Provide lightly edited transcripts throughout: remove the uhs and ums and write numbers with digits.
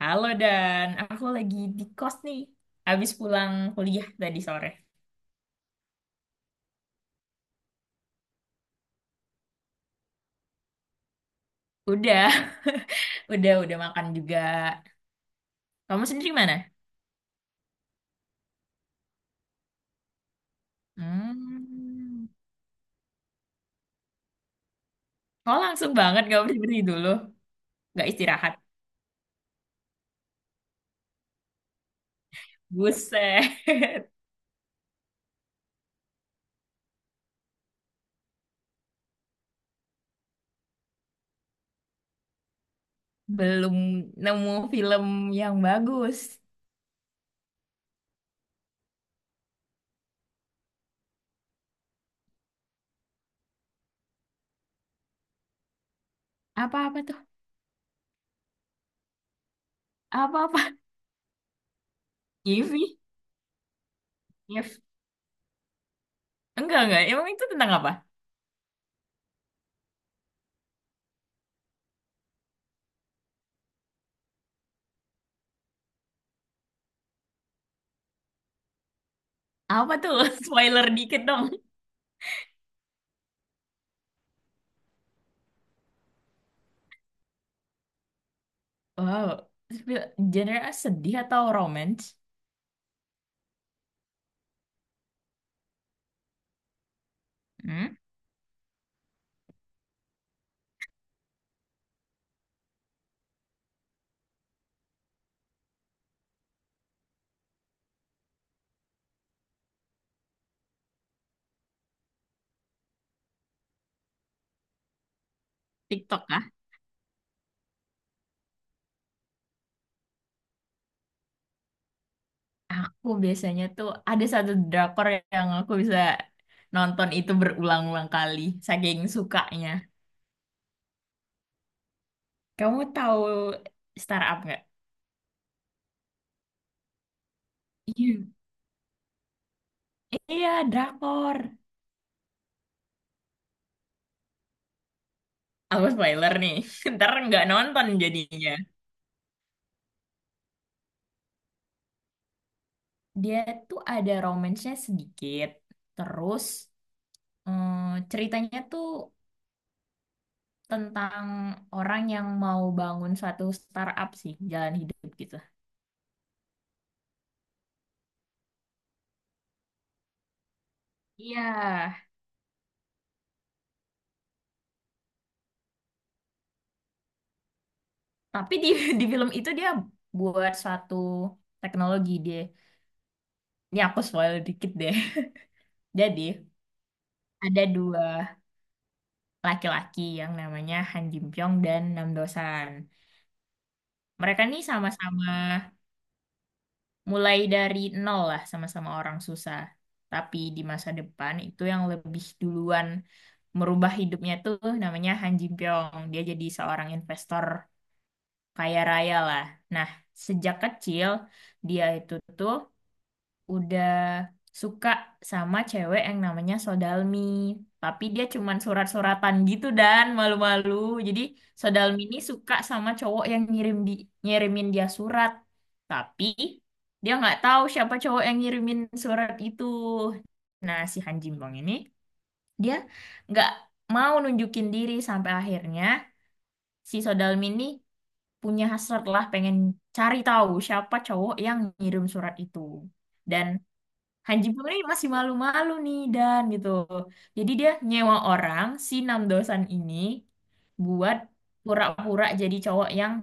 Halo Dan, aku lagi di kos nih. Habis pulang kuliah tadi sore. Udah, udah makan juga. Kamu sendiri mana? Hmm. Oh, langsung banget gak berdiri dulu. Gak istirahat. Buset. Belum nemu film yang bagus. Apa-apa tuh? Apa-apa? Givi? Giv? Enggak, enggak. Emang itu tentang apa? Apa tuh? Spoiler dikit dong. Wow. Genre sedih atau romance? Hmm? TikTok kah? Aku biasanya tuh ada satu drakor yang aku bisa nonton itu berulang-ulang kali, saking sukanya. Kamu tahu Startup nggak? Iya. Iya, drakor. Aku spoiler nih, ntar nggak nonton jadinya. Dia tuh ada romance-nya sedikit, terus ceritanya tuh tentang orang yang mau bangun suatu startup sih, jalan hidup gitu. Iya. Tapi di di film itu dia buat suatu teknologi dia. Ini aku spoil dikit deh. Jadi ada dua laki-laki yang namanya Han Jin Pyong dan Nam Dosan. Mereka nih sama-sama mulai dari nol lah, sama-sama orang susah. Tapi di masa depan itu yang lebih duluan merubah hidupnya tuh namanya Han Jin Pyong. Dia jadi seorang investor kaya raya lah. Nah, sejak kecil dia itu tuh udah suka sama cewek yang namanya Sodalmi. Tapi dia cuman surat-suratan gitu dan malu-malu. Jadi Sodalmi ini suka sama cowok yang ngirimin dia surat. Tapi dia nggak tahu siapa cowok yang ngirimin surat itu. Nah, si Han Jimbong ini dia nggak mau nunjukin diri sampai akhirnya si Sodalmi ini punya hasrat lah pengen cari tahu siapa cowok yang ngirim surat itu. Dan Hanji Pam ini masih malu-malu nih dan gitu. Jadi dia nyewa orang si Namdosan ini buat pura-pura jadi cowok yang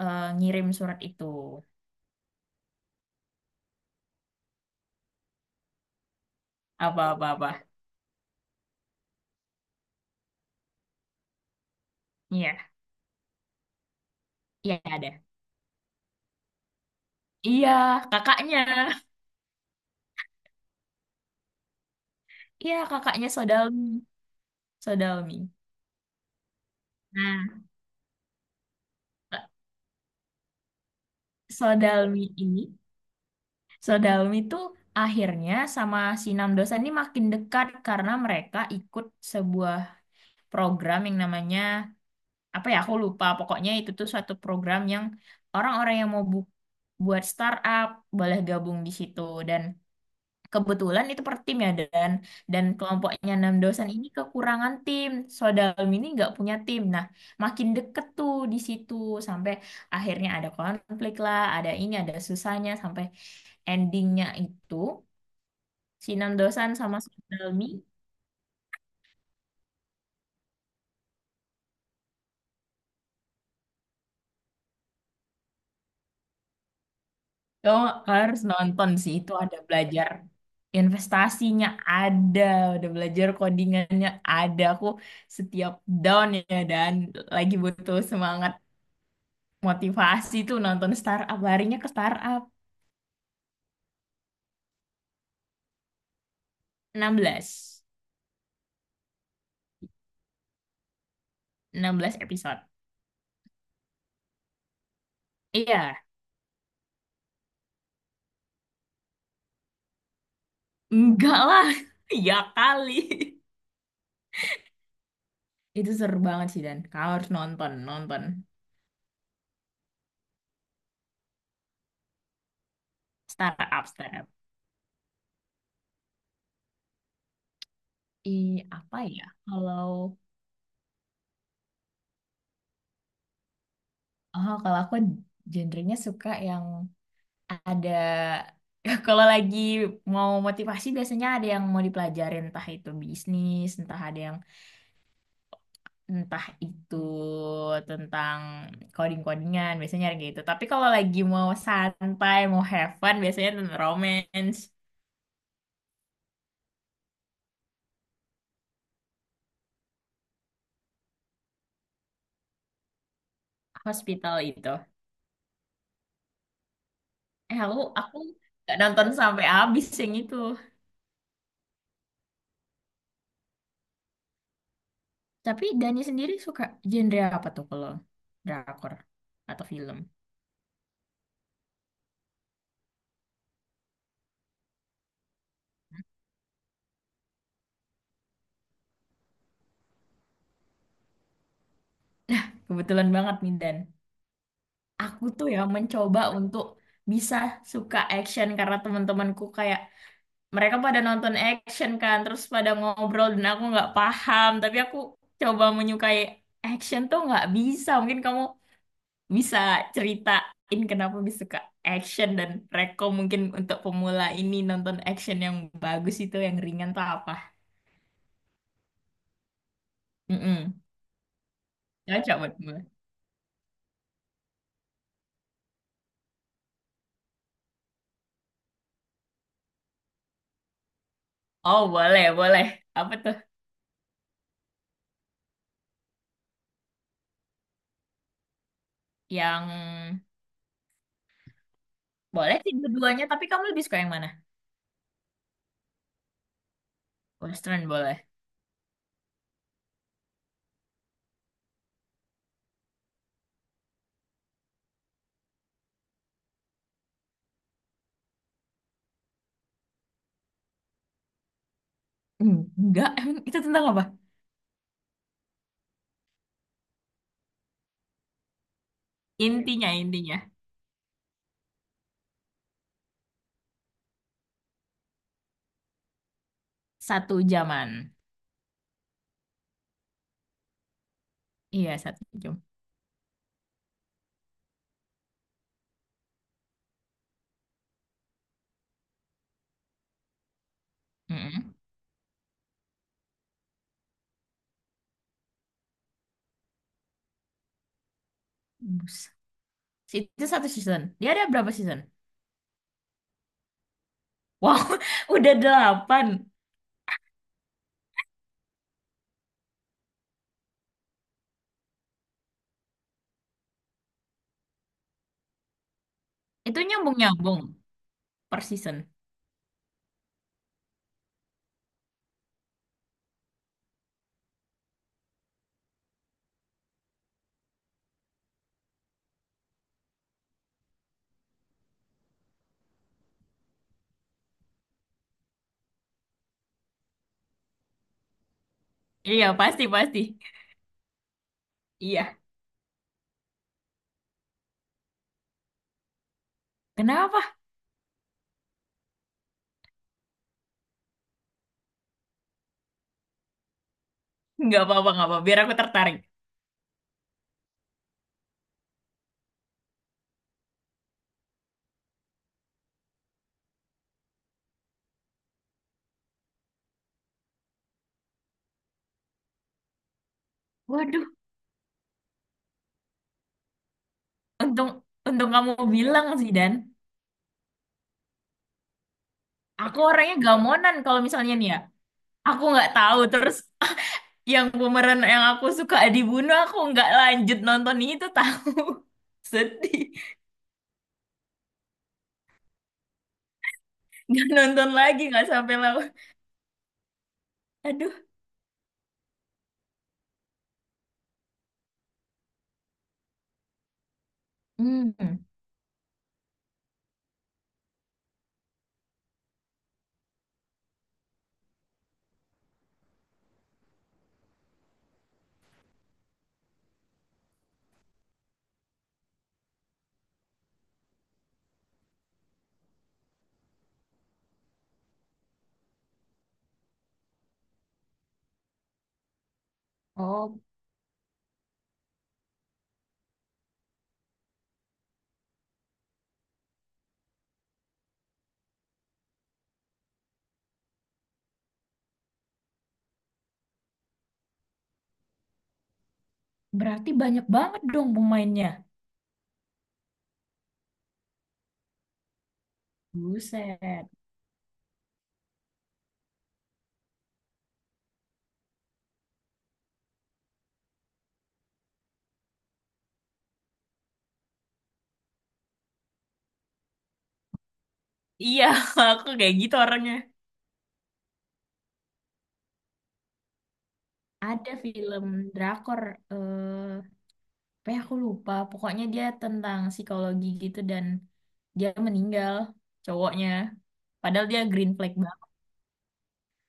ngirim surat itu. Apa-apa-apa. Iya, iya ada. Iya, kakaknya. Iya, kakaknya Sodalmi. Sodalmi. Nah, Sodalmi ini, Sodalmi tuh akhirnya sama si Namdosan ini makin dekat karena mereka ikut sebuah program yang namanya apa ya aku lupa, pokoknya itu tuh suatu program yang orang-orang yang mau buat startup boleh gabung di situ. Dan kebetulan itu per tim ya, dan kelompoknya enam dosen ini kekurangan tim. Sodalmi ini nggak punya tim, nah makin deket tuh di situ sampai akhirnya ada konflik lah, ada ini, ada susahnya sampai endingnya itu si enam dosen sama Sodalmi. Oh, harus nonton sih. Itu ada belajar investasinya ada, udah belajar codingannya ada. Aku setiap down ya, dan lagi butuh semangat motivasi tuh nonton startup. Larinya ke startup. 16. 16 episode. Iya, enggak lah. Ya kali. Itu seru banget sih Dan. Kau harus nonton, nonton startup, startup. I apa ya? Kalau aku genrenya suka yang ada kalau lagi mau motivasi biasanya ada yang mau dipelajarin, entah itu bisnis, entah ada yang entah itu tentang coding-codingan, biasanya kayak gitu. Tapi kalau lagi mau santai mau have fun biasanya tentang romance. Hospital itu Aku nggak nonton sampai habis yang itu. Tapi Dani sendiri suka genre apa tuh kalau drakor atau film? Kebetulan banget nih Dan, aku tuh ya mencoba untuk bisa suka action karena teman-temanku kayak mereka pada nonton action kan, terus pada ngobrol dan aku nggak paham. Tapi aku coba menyukai action tuh nggak bisa. Mungkin kamu bisa ceritain kenapa bisa suka action, dan rekom mungkin untuk pemula ini nonton action yang bagus itu yang ringan tuh apa. Mm-mm. Cocok buat pemula. Oh, boleh boleh. Apa tuh yang boleh sih keduanya, tapi kamu lebih suka yang mana? Western boleh. Hmm. Enggak, emang itu tentang apa? Intinya, intinya. Satu jaman. Iya, satu jam. Mm-mm. Bus. Itu satu season. Dia ada berapa season? Wow, udah delapan. Itu nyambung-nyambung per season. Iya, pasti, pasti. Iya. Kenapa? Nggak apa-apa, nggak apa-apa. Biar aku tertarik. Waduh, untung untung kamu bilang sih, Dan. Aku orangnya gamonan kalau misalnya nih ya. Aku nggak tahu, terus yang pemeran yang aku suka dibunuh aku nggak lanjut nonton itu tahu. Sedih. Nggak nonton lagi nggak sampai lawan. Aduh. Hmm. Oh, berarti banyak banget dong pemainnya. Buset. Iya, aku kayak gitu orangnya. Ada film drakor eh apa ya aku lupa, pokoknya dia tentang psikologi gitu, dan dia meninggal cowoknya padahal dia green flag banget.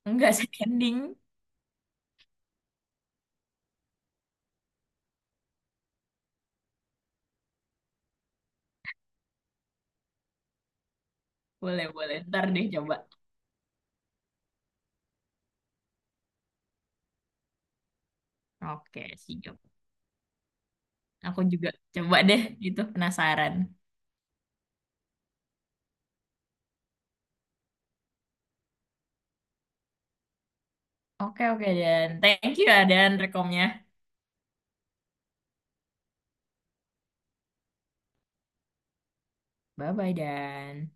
Enggak sih ending. Boleh boleh ntar deh coba. Oke, sih. Aku juga coba deh gitu penasaran. Oke oke Dan. Thank you ya Dan rekomnya. Bye bye Dan.